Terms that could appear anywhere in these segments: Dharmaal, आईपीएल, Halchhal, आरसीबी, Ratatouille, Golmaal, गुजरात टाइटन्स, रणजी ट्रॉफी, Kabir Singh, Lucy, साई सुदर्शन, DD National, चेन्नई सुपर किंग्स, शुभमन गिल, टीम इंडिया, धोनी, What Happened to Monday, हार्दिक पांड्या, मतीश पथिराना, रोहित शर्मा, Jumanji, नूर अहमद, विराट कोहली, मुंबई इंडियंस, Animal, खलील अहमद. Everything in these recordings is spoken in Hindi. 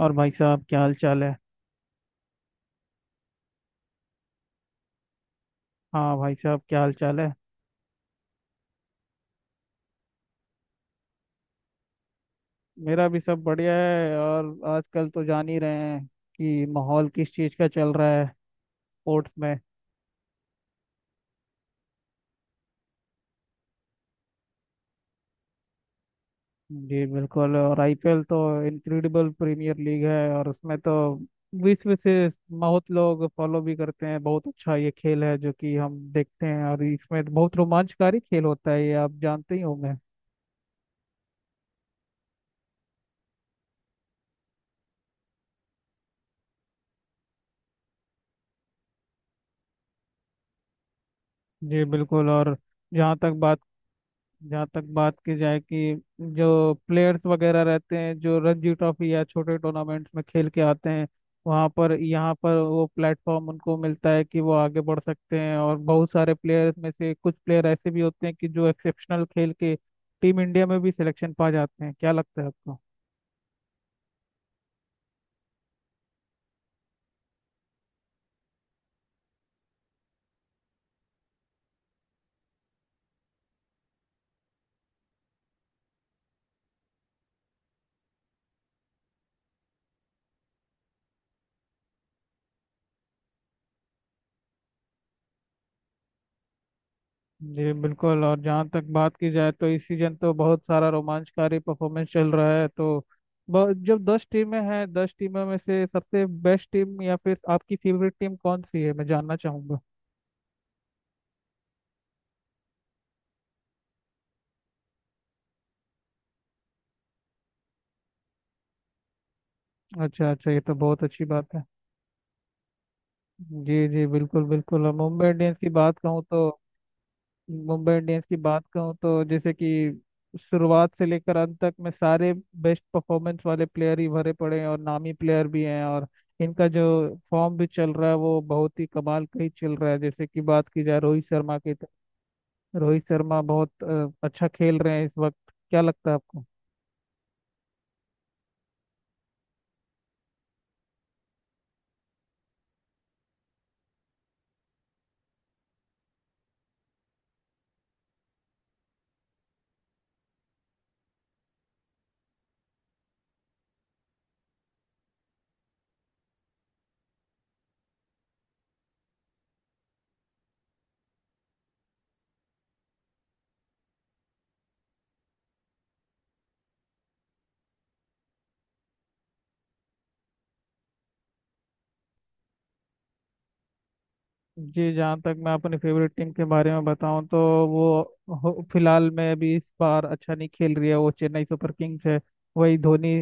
और भाई साहब क्या हाल चाल है। हाँ भाई साहब क्या हाल चाल है। मेरा भी सब बढ़िया है, और आजकल तो जान ही रहे हैं कि माहौल किस चीज़ का चल रहा है स्पोर्ट्स में। जी बिल्कुल। और आईपीएल तो इनक्रेडिबल प्रीमियर लीग है, और उसमें तो विश्व से बहुत लोग फॉलो भी करते हैं। बहुत अच्छा ये खेल है जो कि हम देखते हैं, और इसमें बहुत रोमांचकारी खेल होता है, ये आप जानते ही होंगे। जी बिल्कुल। और जहाँ तक बात जहाँ तक बात की जाए कि जो प्लेयर्स वगैरह रहते हैं, जो रणजी ट्रॉफी या छोटे टूर्नामेंट्स में खेल के आते हैं, वहाँ पर यहाँ पर वो प्लेटफॉर्म उनको मिलता है कि वो आगे बढ़ सकते हैं। और बहुत सारे प्लेयर्स में से कुछ प्लेयर ऐसे भी होते हैं कि जो एक्सेप्शनल खेल के टीम इंडिया में भी सिलेक्शन पा जाते हैं। क्या लगता है आपको? जी बिल्कुल। और जहाँ तक बात की जाए तो इस सीजन तो बहुत सारा रोमांचकारी परफॉर्मेंस चल रहा है। तो जब 10 टीमें हैं, 10 टीमों में से सबसे बेस्ट टीम या फिर आपकी फेवरेट टीम कौन सी है, मैं जानना चाहूँगा। अच्छा अच्छा, ये तो बहुत अच्छी बात है। जी जी, बिल्कुल बिल्कुल। और मुंबई इंडियंस की बात कहूँ तो मुंबई इंडियंस की बात कहूँ तो जैसे कि शुरुआत से लेकर अंत तक में सारे बेस्ट परफॉर्मेंस वाले प्लेयर ही भरे पड़े हैं, और नामी प्लेयर भी हैं। और इनका जो फॉर्म भी चल रहा है वो बहुत ही कमाल का ही चल रहा है। जैसे कि बात की जाए रोहित शर्मा की, तो रोहित शर्मा बहुत अच्छा खेल रहे हैं इस वक्त। क्या लगता है आपको? जी, जहाँ तक मैं अपनी फेवरेट टीम के बारे में बताऊं, तो वो फिलहाल में अभी इस बार अच्छा नहीं खेल रही है। वो चेन्नई सुपर किंग्स है, वही धोनी,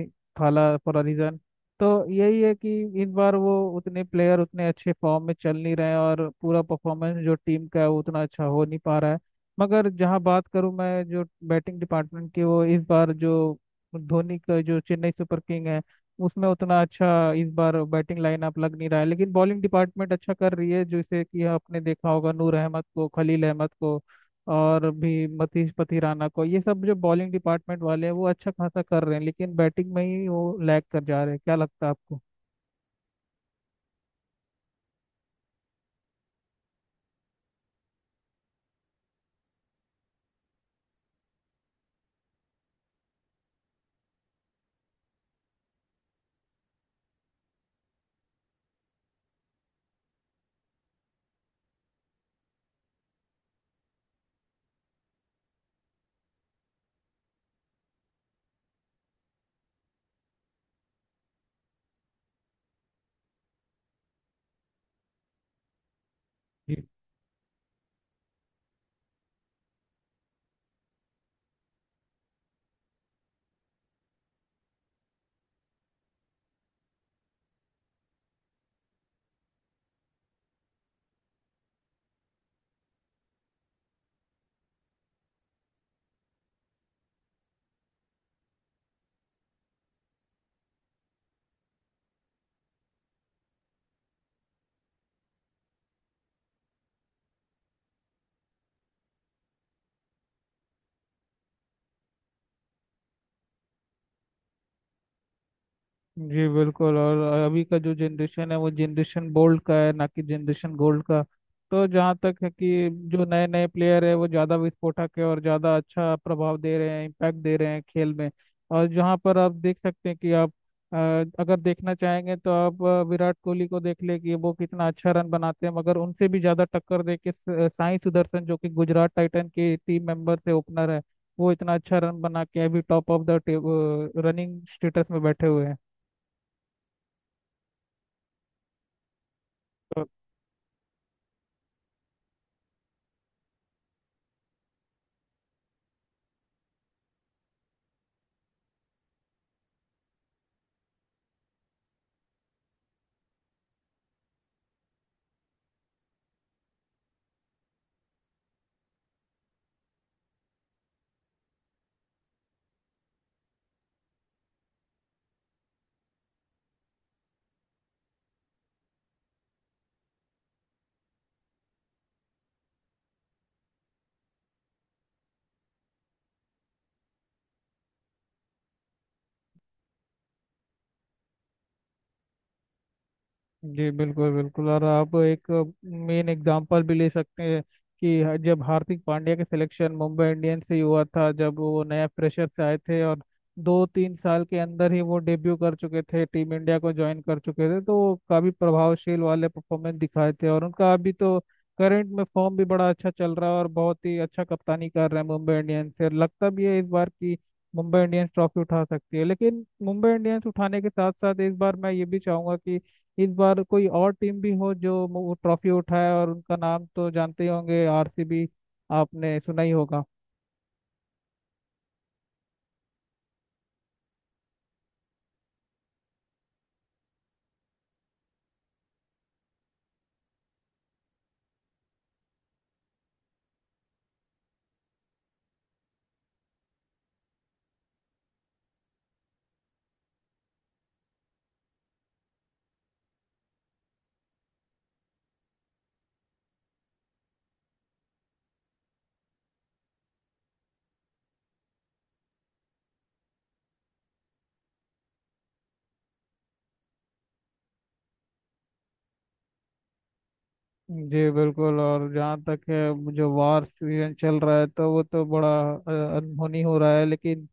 Thala for a reason. तो यही है कि इस बार वो उतने प्लेयर उतने अच्छे फॉर्म में चल नहीं रहे हैं, और पूरा परफॉर्मेंस जो टीम का है वो उतना अच्छा हो नहीं पा रहा है। मगर जहाँ बात करूँ मैं जो बैटिंग डिपार्टमेंट की, वो इस बार जो धोनी का जो चेन्नई सुपर किंग है, उसमें उतना अच्छा इस बार बैटिंग लाइनअप लग नहीं रहा है, लेकिन बॉलिंग डिपार्टमेंट अच्छा कर रही है। जैसे कि आपने देखा होगा नूर अहमद को, खलील अहमद को, और भी मतीश पथिराना को, ये सब जो बॉलिंग डिपार्टमेंट वाले हैं वो अच्छा खासा कर रहे हैं, लेकिन बैटिंग में ही वो लैग कर जा रहे हैं। क्या लगता है आपको? जी बिल्कुल। और अभी का जो जनरेशन है वो जनरेशन गोल्ड का है, ना कि जनरेशन गोल्ड का। तो जहाँ तक है कि जो नए नए प्लेयर है, वो ज़्यादा विस्फोटक है और ज़्यादा अच्छा प्रभाव दे रहे हैं, इम्पैक्ट दे रहे हैं खेल में। और जहाँ पर आप देख सकते हैं कि आप अ, अगर देखना चाहेंगे तो आप विराट कोहली को देख ले कि वो कितना अच्छा रन बनाते हैं, मगर उनसे भी ज़्यादा टक्कर दे के साई सुदर्शन, जो कि गुजरात टाइटन के टीम मेंबर से ओपनर है, वो इतना अच्छा रन बना के अभी top of the running status में बैठे हुए हैं। जी बिल्कुल बिल्कुल। और आप एक मेन एग्जांपल भी ले सकते हैं कि जब हार्दिक पांड्या के सिलेक्शन मुंबई इंडियंस से ही हुआ था, जब वो नया प्रेशर से आए थे, और दो तीन साल के अंदर ही वो डेब्यू कर चुके थे, टीम इंडिया को ज्वाइन कर चुके थे, तो वो काफी प्रभावशील वाले परफॉर्मेंस दिखाए थे। और उनका अभी तो करंट में फॉर्म भी बड़ा अच्छा चल रहा है, और बहुत ही अच्छा कप्तानी कर रहे हैं मुंबई इंडियंस से। लगता भी है इस बार की मुंबई इंडियंस ट्रॉफी उठा सकती है, लेकिन मुंबई इंडियंस उठाने के साथ साथ इस बार मैं ये भी चाहूंगा कि इस बार कोई और टीम भी हो जो वो ट्रॉफी उठाए, और उनका नाम तो जानते ही होंगे आरसीबी, आपने सुना ही होगा। जी बिल्कुल। और जहाँ तक है जो वार सीजन चल रहा है, तो वो तो बड़ा अनहोनी हो रहा है। लेकिन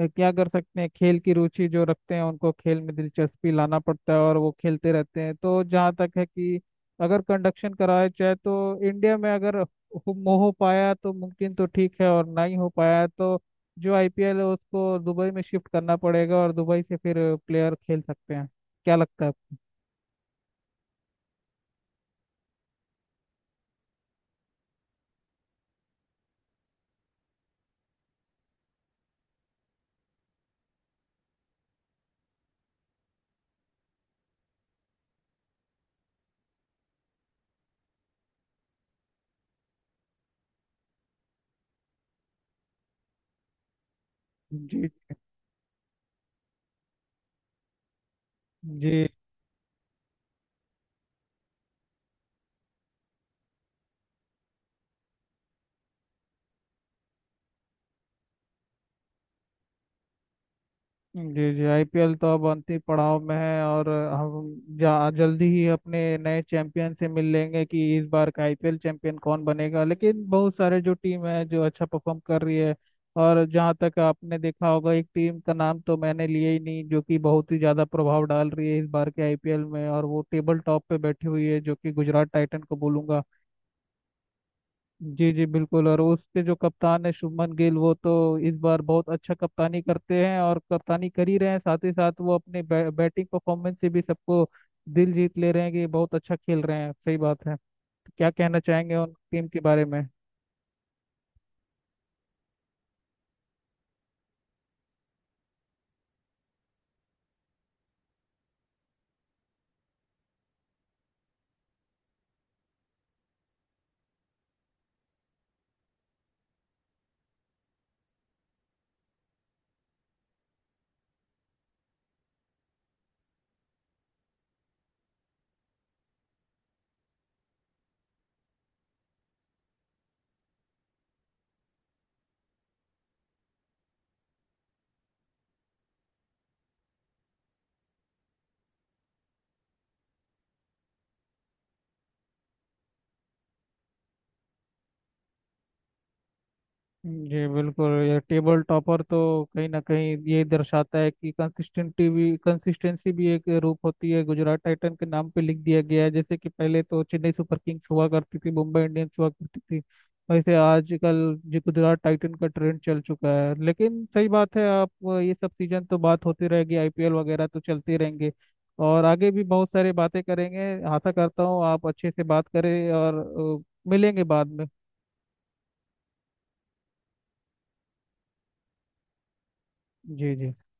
क्या कर सकते हैं, खेल की रुचि जो रखते हैं उनको खेल में दिलचस्पी लाना पड़ता है, और वो खेलते रहते हैं। तो जहाँ तक है कि अगर कंडक्शन कराया जाए तो इंडिया में अगर हो पाया तो मुमकिन तो ठीक है, और नहीं हो पाया तो जो आईपीएल है उसको दुबई में शिफ्ट करना पड़ेगा, और दुबई से फिर प्लेयर खेल सकते हैं। क्या लगता है आपको? जी जी। जी जी, आईपीएल तो अब अंतिम पड़ाव में है, और हम जा जल्दी ही अपने नए चैंपियन से मिल लेंगे कि इस बार का आईपीएल चैंपियन कौन बनेगा। लेकिन बहुत सारे जो टीम है जो अच्छा परफॉर्म कर रही है, और जहाँ तक आपने देखा होगा, एक टीम का नाम तो मैंने लिया ही नहीं जो कि बहुत ही ज़्यादा प्रभाव डाल रही है इस बार के आईपीएल में, और वो टेबल टॉप पे बैठी हुई है, जो कि गुजरात टाइटन को बोलूंगा। जी जी बिल्कुल। और उसके जो कप्तान है शुभमन गिल, वो तो इस बार बहुत अच्छा कप्तानी करते हैं, और कप्तानी कर ही रहे हैं। साथ ही साथ वो अपने बैटिंग परफॉर्मेंस से भी सबको दिल जीत ले रहे हैं कि बहुत अच्छा खेल रहे हैं, सही बात है। क्या कहना चाहेंगे उन टीम के बारे में? जी बिल्कुल। ये टेबल टॉपर तो कहीं ना कहीं ये दर्शाता है कि कंसिस्टेंटी भी कंसिस्टेंसी भी एक रूप होती है, गुजरात टाइटन के नाम पे लिख दिया गया है। जैसे कि पहले तो चेन्नई सुपर किंग्स हुआ करती थी, मुंबई इंडियंस हुआ करती थी, वैसे आजकल जो गुजरात टाइटन का ट्रेंड चल चुका है। लेकिन सही बात है आप, ये सब सीजन तो बात होती रहेगी, आईपीएल वगैरह तो चलते रहेंगे, और आगे भी बहुत सारी बातें करेंगे। आशा करता हूँ आप अच्छे से बात करें, और मिलेंगे बाद में। जी जी।